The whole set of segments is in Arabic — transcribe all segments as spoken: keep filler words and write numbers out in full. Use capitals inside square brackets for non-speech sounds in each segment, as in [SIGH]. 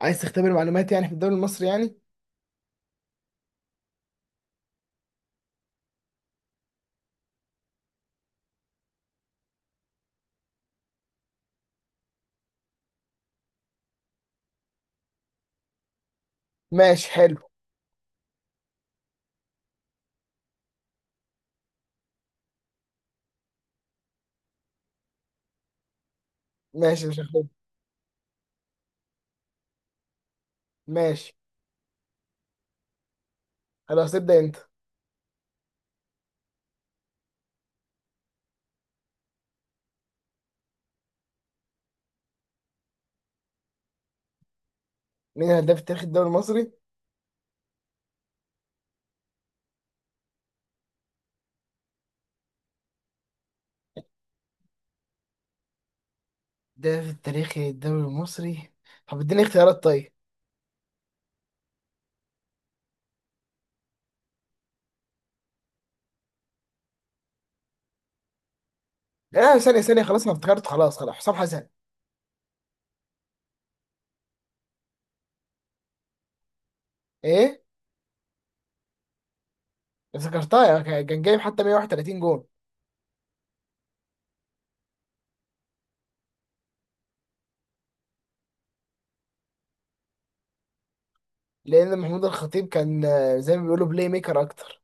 عايز تختبر معلوماتي يعني في الدوري المصري يعني. ماشي، حلو. ماشي، مش هختبر. ماشي، خلاص، ابدأ انت. مين الهداف التاريخي الدوري المصري؟ ده في التاريخ الدوري المصري. طب اديني اختيارات طيب؟ لا، ثانية ثانية، خلاص انا افتكرت، خلاص خلاص، حسام حسن. ايه، افتكرتها يعني، كان كان جايب حتى مية وواحد وثلاثين جون. لان محمود الخطيب كان آه، زي ما بيقولوا بلاي ميكر اكتر.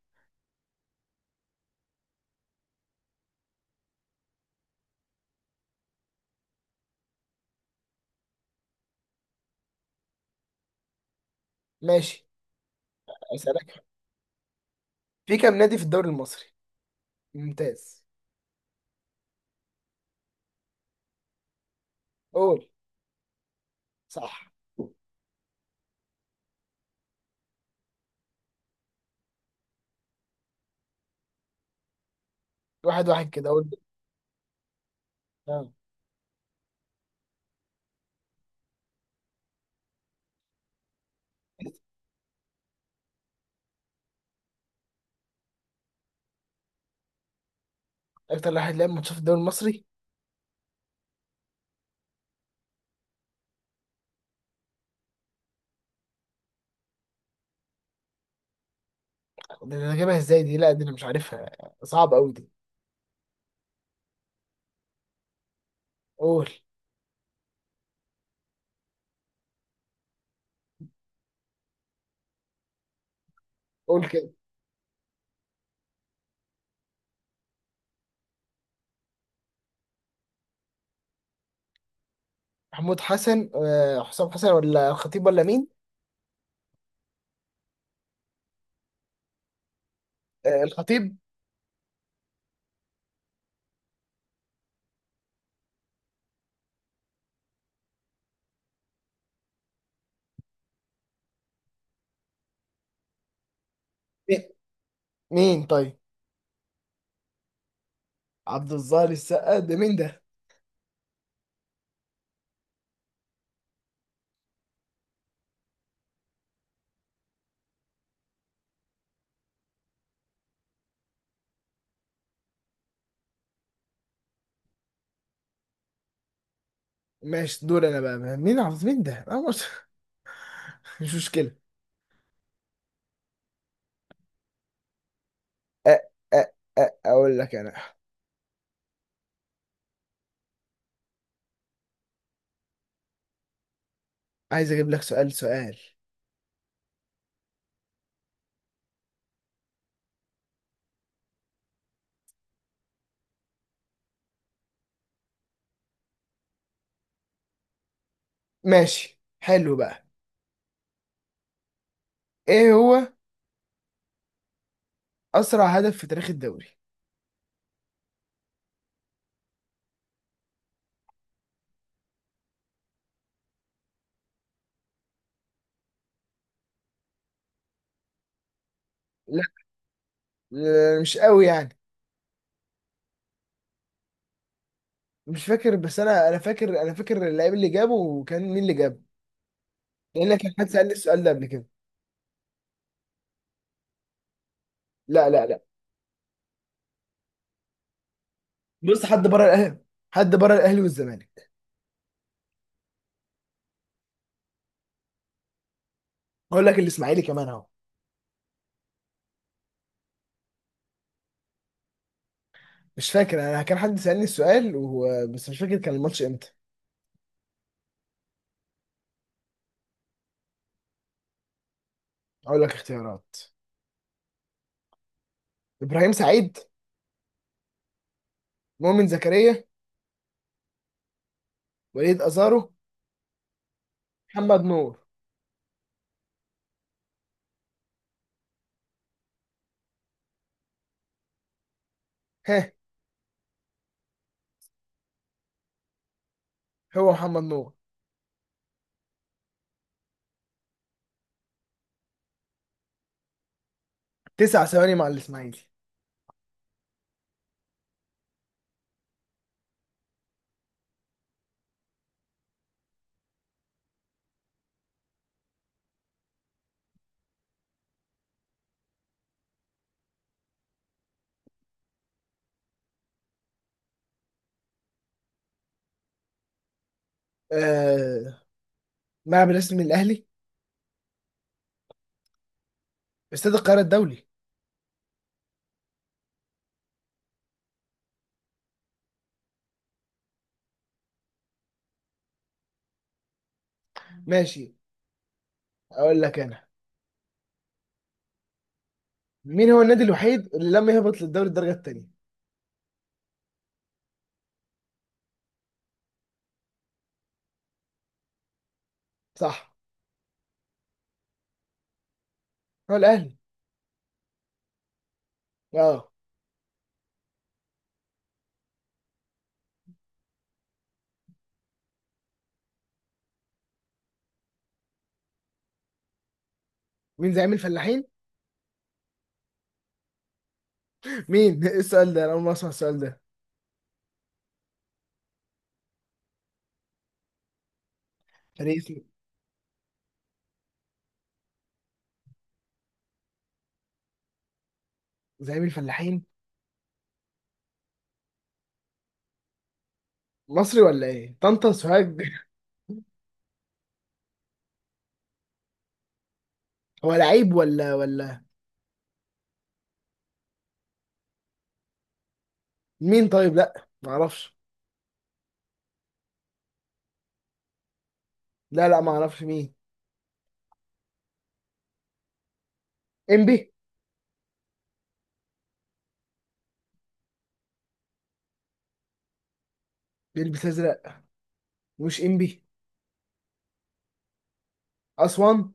ماشي. اسألك. في كام نادي في الدوري المصري؟ ممتاز. قول. صح. واحد واحد كده، قول. آه. اكتر واحد لعب ماتشات في الدوري المصري. دي انا جايبها ازاي دي؟ لا، دي انا مش عارفها. صعب قوي دي. قول. قول كده. محمود حسن آه، حسام حسن ولا الخطيب ولا مين؟ آه، الخطيب. مي- مين طيب؟ عبد الظاهر السقا ده مين ده؟ ماشي، دور انا بقى. مين عبد مين ده آه، مش [LAUGHS] مش مشكلة. آه، آه، آه، اقول لك انا. عايز اجيب لك سؤال سؤال ماشي، حلو بقى. ايه هو؟ اسرع هدف في تاريخ الدوري. لا. لا، مش قوي يعني. مش فاكر، بس انا انا فاكر، انا فاكر اللعيب اللي جابه، وكان مين اللي جابه. لان كان حد سالني السؤال ده قبل كده. لا، لا، لا. بص، حد بره الاهلي. حد بره الاهلي والزمالك. اقول لك الاسماعيلي كمان اهو. مش فاكر، انا كان حد سالني السؤال وهو، بس مش فاكر كان الماتش امتى. اقول لك اختيارات: ابراهيم سعيد، مؤمن زكريا، وليد ازارو، محمد نور. ها. هو محمد نور. تسع ثواني مع الاسماعيلي. آه. ملعب الرسمي الاهلي. استاد القاهره الدولي. ماشي. اقول لك انا. مين هو النادي الوحيد اللي لم يهبط للدوري الدرجه الثانيه؟ صح، هو الاهلي. اه. مين زعيم الفلاحين؟ مين؟ [LAUGHS] ايه السؤال ده، انا اول مره اسمع السؤال ده. فريق اسمه زعيم الفلاحين؟ مصري ولا ايه، طنطا سوهاج؟ [LAUGHS] هو لعيب ولا ولا؟ مين طيب؟ لا، ما اعرفش. لا، لا، ما اعرفش مين. امبي. بيلبس ازرق. مش امبي، اسوان.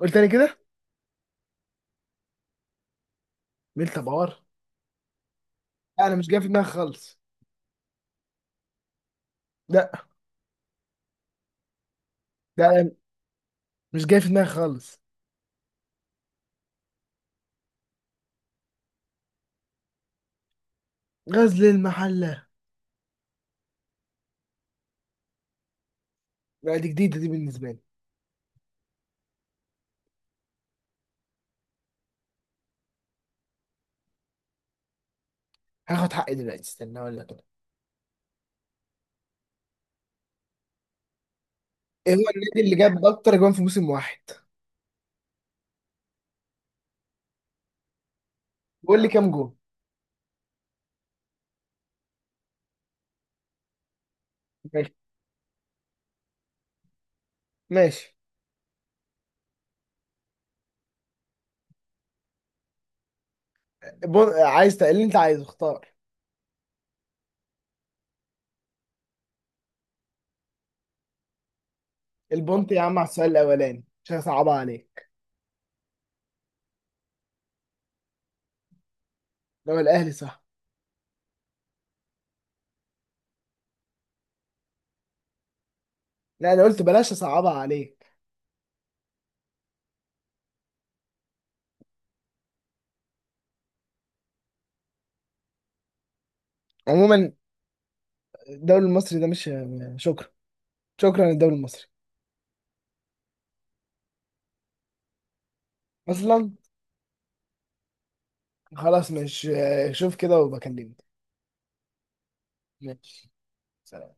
قلت تاني كده؟ ميلتا بار. لا، انا مش جاي في دماغي خالص. لا. لا، مش جاي في دماغي خالص. غزل المحله. لا، دي جديده دي بالنسبه لي. هاخد حقي دلوقتي، استنى اقول لك. ايه هو النادي اللي جاب اكتر جوان في موسم واحد؟ قول لي كام جون. ماشي. ماشي. بون... عايز تقل اللي انت عايزه اختار. البونت يا عم على السؤال الاولاني، مش هصعبها عليك. لو الاهلي صح. لا، انا قلت بلاش اصعبها عليك. عموما، الدوري المصري ده مش، شكرا، شكرا للدوري المصري. اصلا. خلاص، مش، شوف كده وبكلمك. ماشي. سلام.